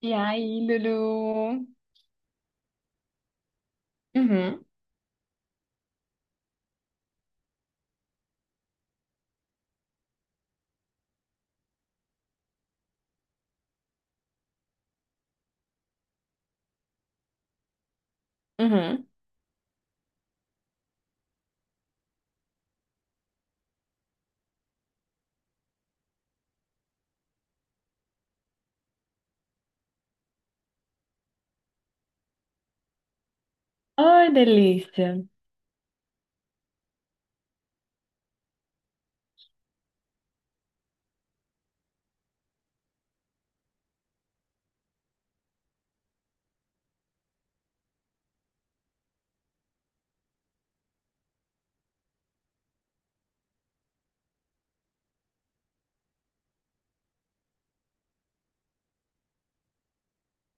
E aí, Lulu? Uhum, uhum. Ai, delícia.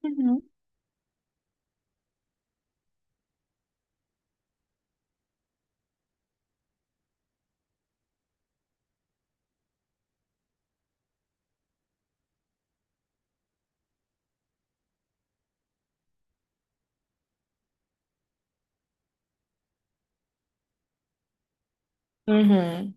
Uhum. Uhum,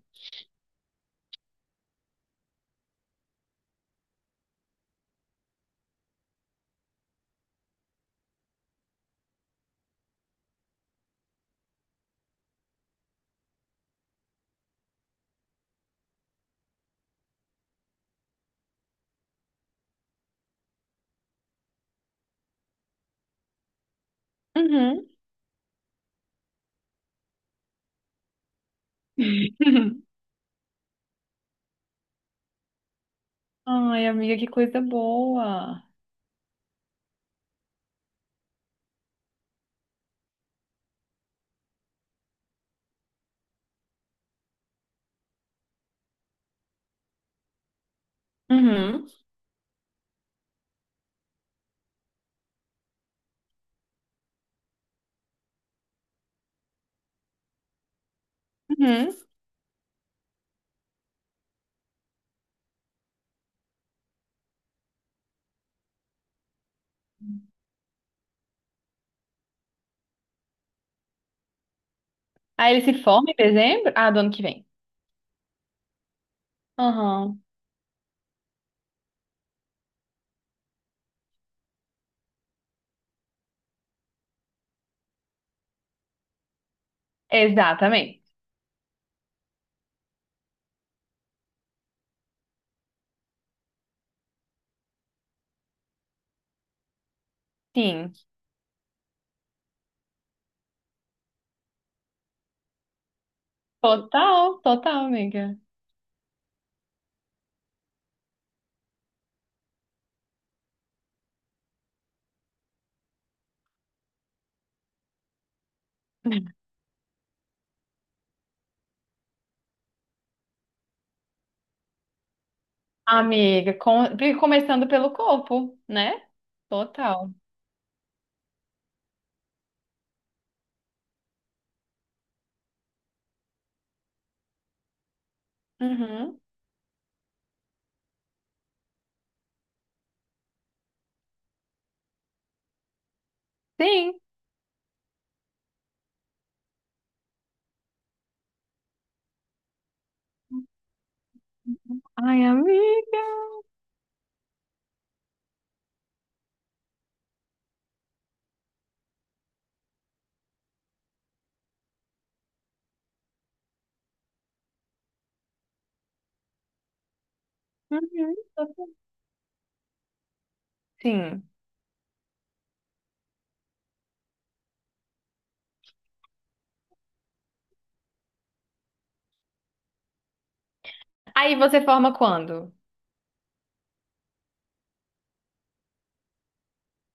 uhum. Ai, amiga, que coisa boa. Uhum, uhum. Aí ele se forma em dezembro? Ah, do ano que vem. Aham. Exatamente. Sim. Total, total, amiga. Amiga, começando pelo corpo, né? Total. Uhum, sim. Ai, amiga. Uhum. Sim. Aí você forma quando?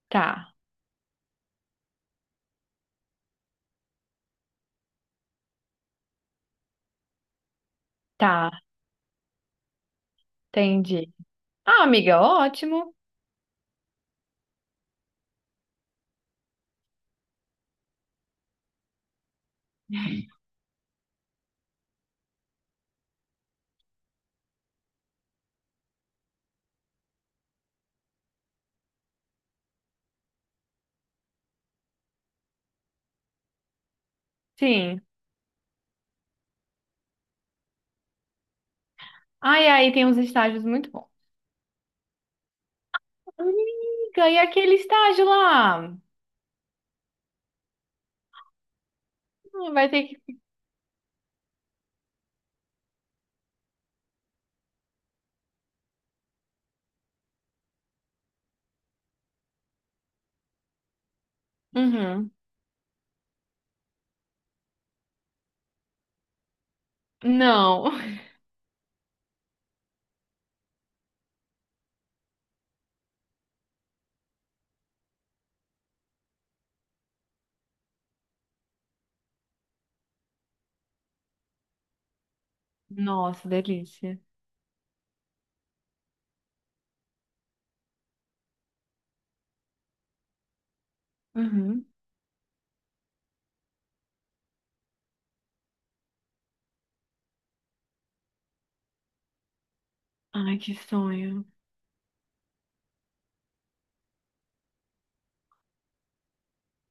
Tá, tá, entendi. Ah, amiga, ótimo. Sim. Ai, aí tem uns estágios muito bons. Amiga, e aquele estágio lá? Ah, vai ter que. Uhum. Não. Nossa, delícia. Uhum. Ai, que sonho.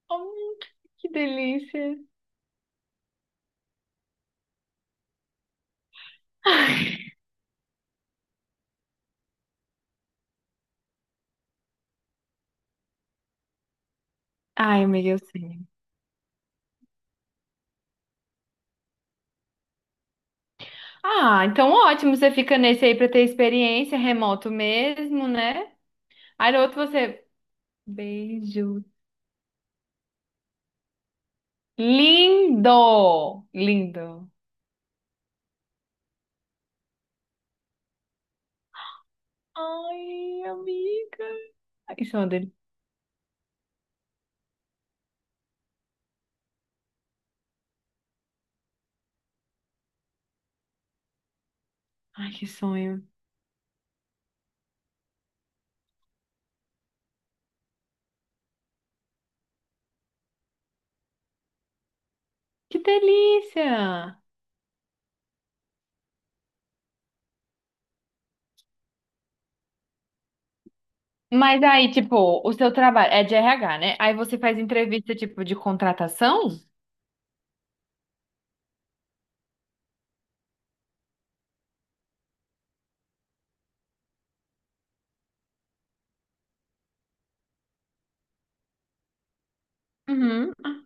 Hum, que delícia. Ai, amiga, eu sei. Ah, então ótimo, você fica nesse aí pra ter experiência, remoto mesmo, né? Aí no outro você. Beijo. Lindo! Lindo. Ai, amiga. Ai, sonho dele. Ai, que sonho. Que delícia! Mas aí, tipo, o seu trabalho é de RH, né? Aí você faz entrevista, tipo, de contratação? Uhum. Ah,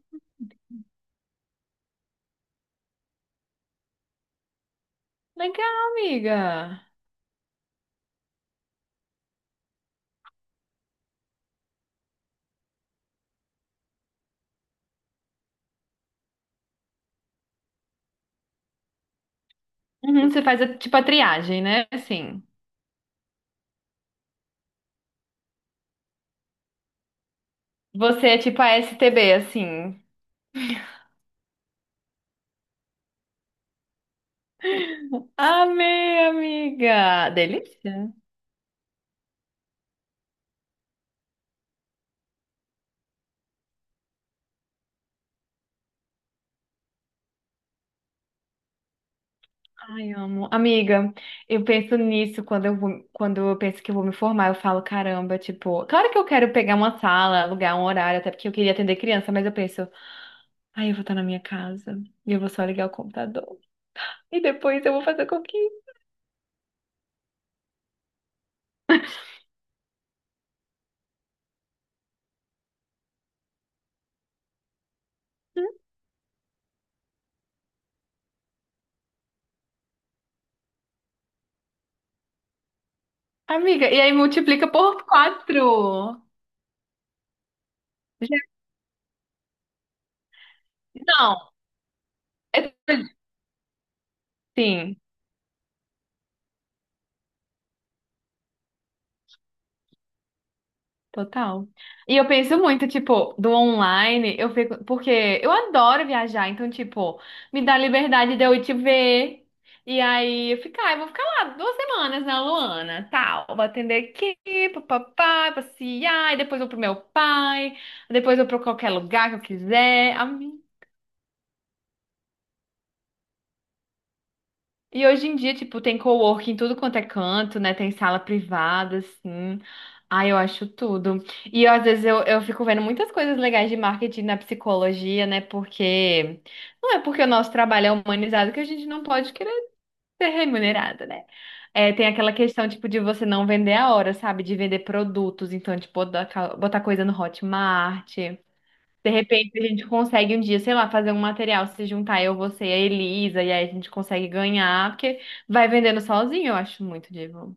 legal, amiga. Uhum, uhum. Você faz, tipo, a triagem, né? Assim, você é tipo a STB, assim. Amei, amiga. Delícia. Ai, amo. Amiga, eu penso nisso quando eu vou, quando eu penso que eu vou me formar, eu falo, caramba, tipo, claro que eu quero pegar uma sala, alugar um horário, até porque eu queria atender criança, mas eu penso, ai, eu vou estar na minha casa e eu vou só ligar o computador. E depois eu vou fazer com que. Amiga, e aí multiplica por quatro. Já- não, é sim. Total. E eu penso muito, tipo, do online, eu fico, porque eu adoro viajar, então, tipo, me dá liberdade de eu ir te ver. E aí eu ficar, eu vou ficar lá 2 semanas na Luana, tal. Vou atender aqui, papapá, passear, e depois vou pro meu pai, depois vou pra qualquer lugar que eu quiser. E hoje em dia, tipo, tem coworking em tudo quanto é canto, né? Tem sala privada, assim. Ai, eu acho tudo. E eu, às vezes eu, fico vendo muitas coisas legais de marketing na psicologia, né? Porque não é porque o nosso trabalho é humanizado que a gente não pode querer ser remunerado, né? É, tem aquela questão, tipo, de você não vender a hora, sabe? De vender produtos. Então, tipo, botar coisa no Hotmart. De repente a gente consegue um dia, sei lá, fazer um material, se juntar eu, você e a Elisa, e aí a gente consegue ganhar, porque vai vendendo sozinho, eu acho muito divo.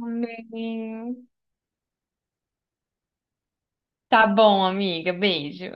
Amém. Tá bom, amiga. Beijo.